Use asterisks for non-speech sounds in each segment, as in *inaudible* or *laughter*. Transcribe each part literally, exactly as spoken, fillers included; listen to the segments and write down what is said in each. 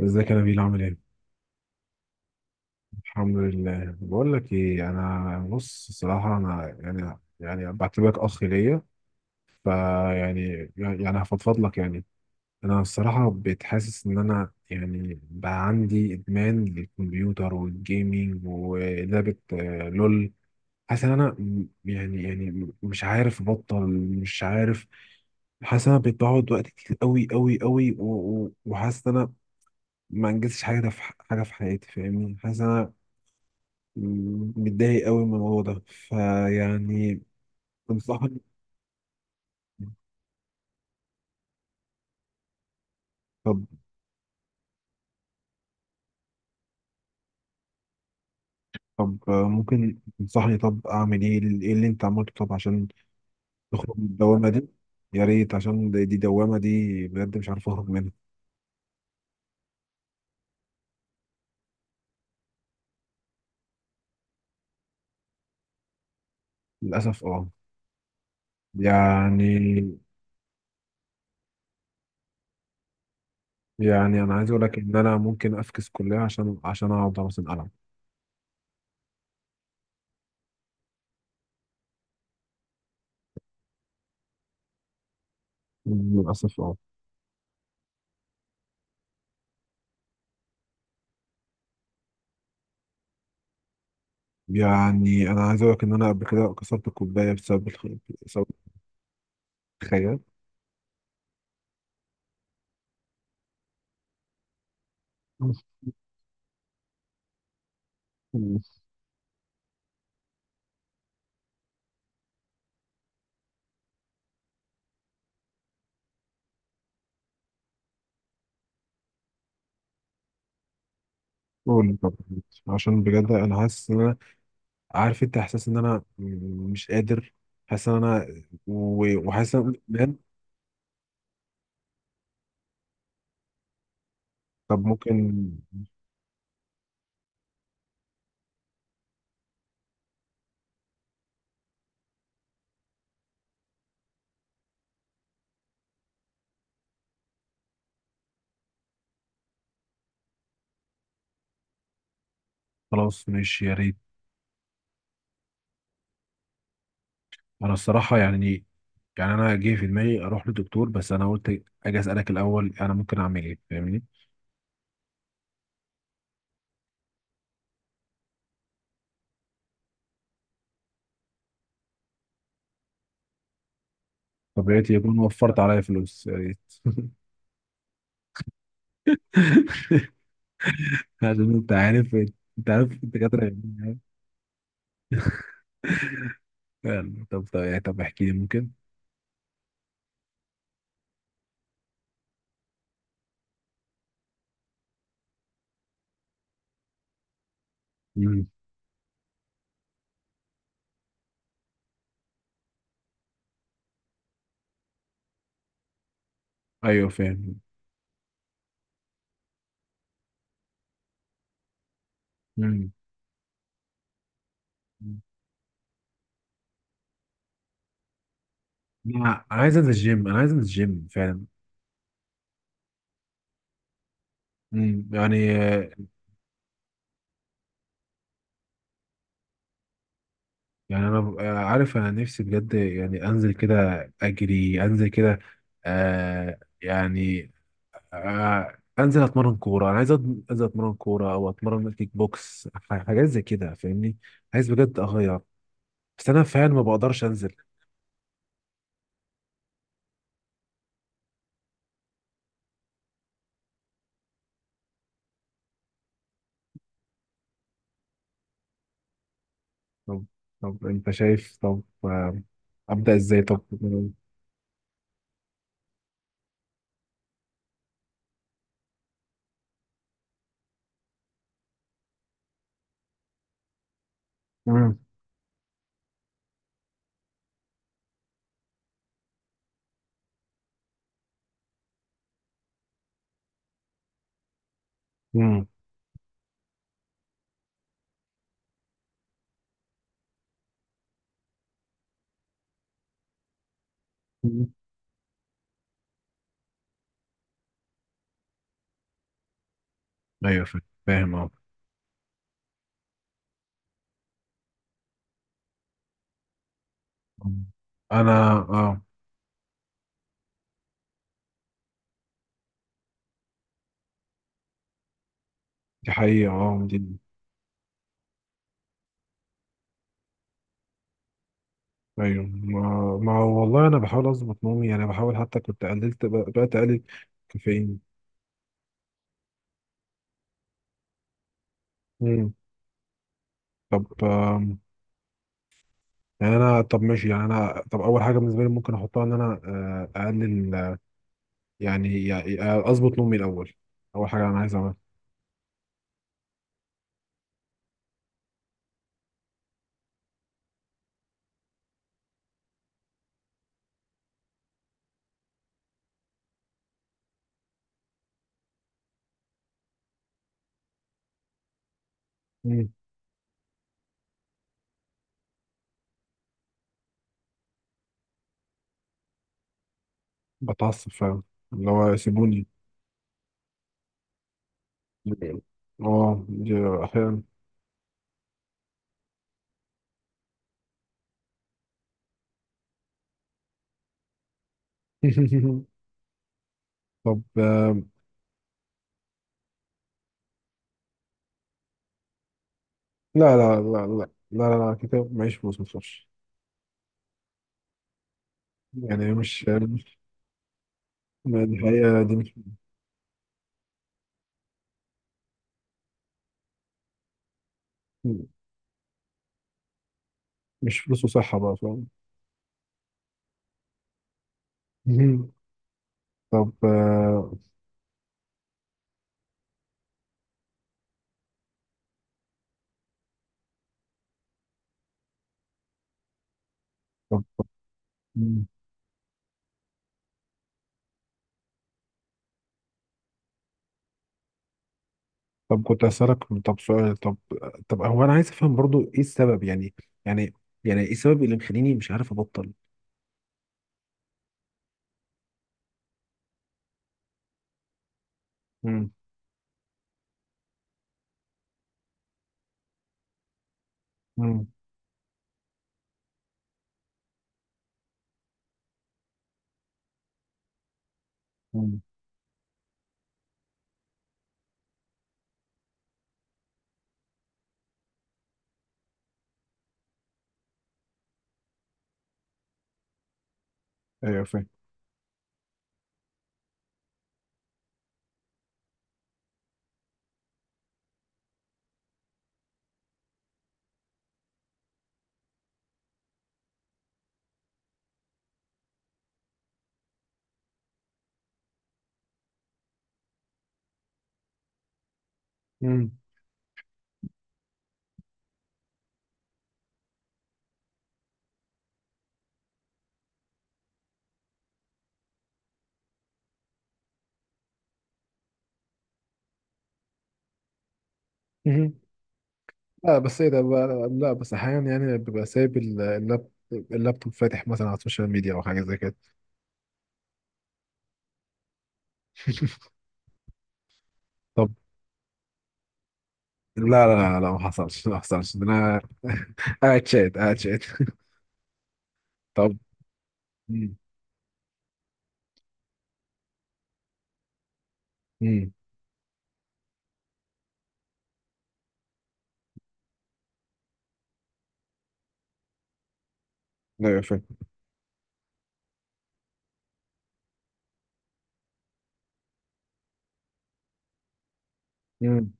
ازيك يا نبيل، عامل ايه؟ الحمد لله. بقول لك ايه، انا بص، الصراحه انا يعني يعني بعتبرك اخ ليا. فيعني يعني يعني هفضفض لك، يعني. انا الصراحه بقيت حاسس ان انا يعني بقى عندي ادمان للكمبيوتر والجيمينج ولعبه، آه، لول. حاسس ان انا م- يعني يعني مش عارف ابطل. مش عارف. حاسس ان انا بقيت بقعد وقت كتير قوي قوي قوي، و- و- وحاسس ان انا ما انجزتش حاجه في ح- حاجه في حياتي، فاهمني. حاسس ان انا متضايق قوي من الموضوع ده، فيعني. انصحني. طب. طب ممكن تنصحني، طب اعمل ايه ايه اللي انت عملته، طب عشان تخرج من الدوامه دي. يا ريت، عشان دي دي دوامه دي بجد مش عارف اخرج منها. للاسف، اه. يعني. يعني انا عايز اقول لك ان انا ممكن افكس كليه عشان عشان اقعد مثلا العب. للاسف، اه. يعني انا عايز اقول لك ان انا قبل كده كسرت الكوبايه بسبب الخ- بسبب الخيال. *laughs* قول لي طب. عشان بجد انا حاسس ان انا عارف انت احساس ان انا م- مش قادر، حاسس ان انا، و- وحاسس ان بجد. طب ممكن. خلاص ماشي، يا ريت. انا الصراحه، يعني. يعني انا جه في دماغي اروح للدكتور، بس انا قلت اجي اسالك الاول انا ممكن اعمل ايه، فاهمني. طبيعي يكون وفرت عليا فلوس يا ريت. *laughs* عشان انت عارف. انت عارف الدكاتره، يعني. يعني- طب طب يعني، طب احكي لي ممكن. مم. ايوه، فاهم. مم. انا عايز انزل الجيم انا عايز انزل الجيم فعلا. امم يعني آه، يعني انا ب- آه، عارف انا نفسي بجد يعني انزل كده. اجري انزل كده. آه يعني. آه انزل اتمرن كوره، انا عايز أد- انزل اتمرن كوره او اتمرن كيك بوكس، ح- حاجات زي كده، فاهمني. عايز بجد اغير. بس انا فعلا ما بقدرش انزل. طب. طب انت شايف، طب آه، ابدا ازاي طب؟ امم. امم. ايوه، فاهم. فاهم، اه. انا، اه. دي حقيقة، اه، دي. ايوه، ما, ما والله انا بحاول اظبط نومي، يعني بحاول حتى كنت قللت بقيت اقلل. كافيين. امم. طب آم، يعني انا طب ماشي، يعني انا طب اول حاجة بالنسبة لي ممكن احطها ان انا آه، اقلل آه، يعني يعني اظبط نومي الاول. اول حاجة انا عايز اعملها. امم. بتعصب فعلا. اللي هو سيبوني. اه، دي. احيانا. *laughs* طب آم، لا، لا، لا، لا. لا، لا، لا، كده معيش فلوس، ما تخافش. يعني مش. ما دي حقيقة دي. مم. مش فلوس وصحة، بقى فاهم. مم. طب آه، طب. مم. طب كنت هسألك. طب سؤال، طب. طب هو أنا عايز أفهم برضو إيه السبب، يعني. يعني. يعني إيه السبب اللي مخليني مش عارف أبطل؟ مم. مم. مم. أيوه، فاهم. مم. مم. لا، بس إيه ده بقى؟ لا بس أحيانا، يعني ببقى سايب ال- اللاب اللابتوب فاتح، مثلا على السوشيال ميديا أو حاجة زي كده. *laughs* طب. لا، لا، لا، لا، ما حصلش ما حصلش، ده أنا *laughs* قاعد شات، قاعد شات. *laughs* طب. مم. مم. أيوه، فاهم. مم.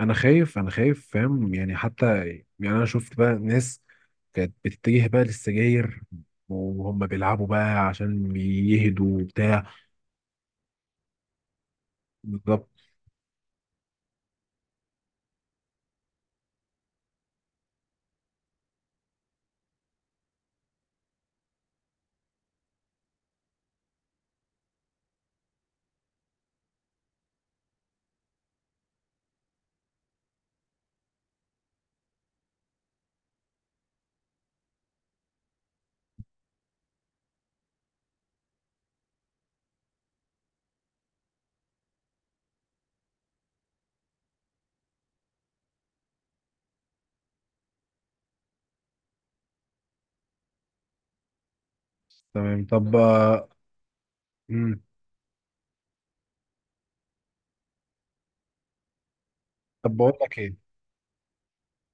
انا خايف، انا خايف، فاهم يعني، حتى يعني انا شفت بقى ناس كانت بتتجه بقى للسجاير، وهم بيلعبوا بقى عشان يهدوا وبتاع. بالظبط. تمام، طب آه، مم. طب بقول لك ايه.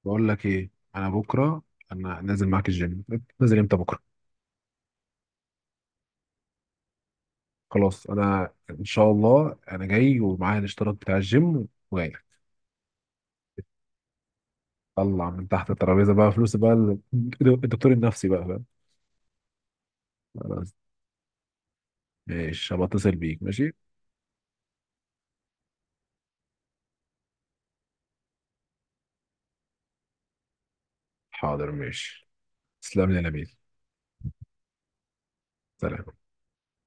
بقول لك ايه. انا بكره. انا نازل معاك الجيم. نازل امتى؟ بكره. خلاص، انا ان شاء الله انا جاي ومعايا الاشتراك بتاع الجيم وجاي لك. طلع من تحت الترابيزه بقى فلوس بقى ال- الدكتور النفسي بقى، فاهم. خلاص. ماشي، هبقى اتصل بيك، ماشي. حاضر، ماشي. تسلم لي يا نبيل. سلام.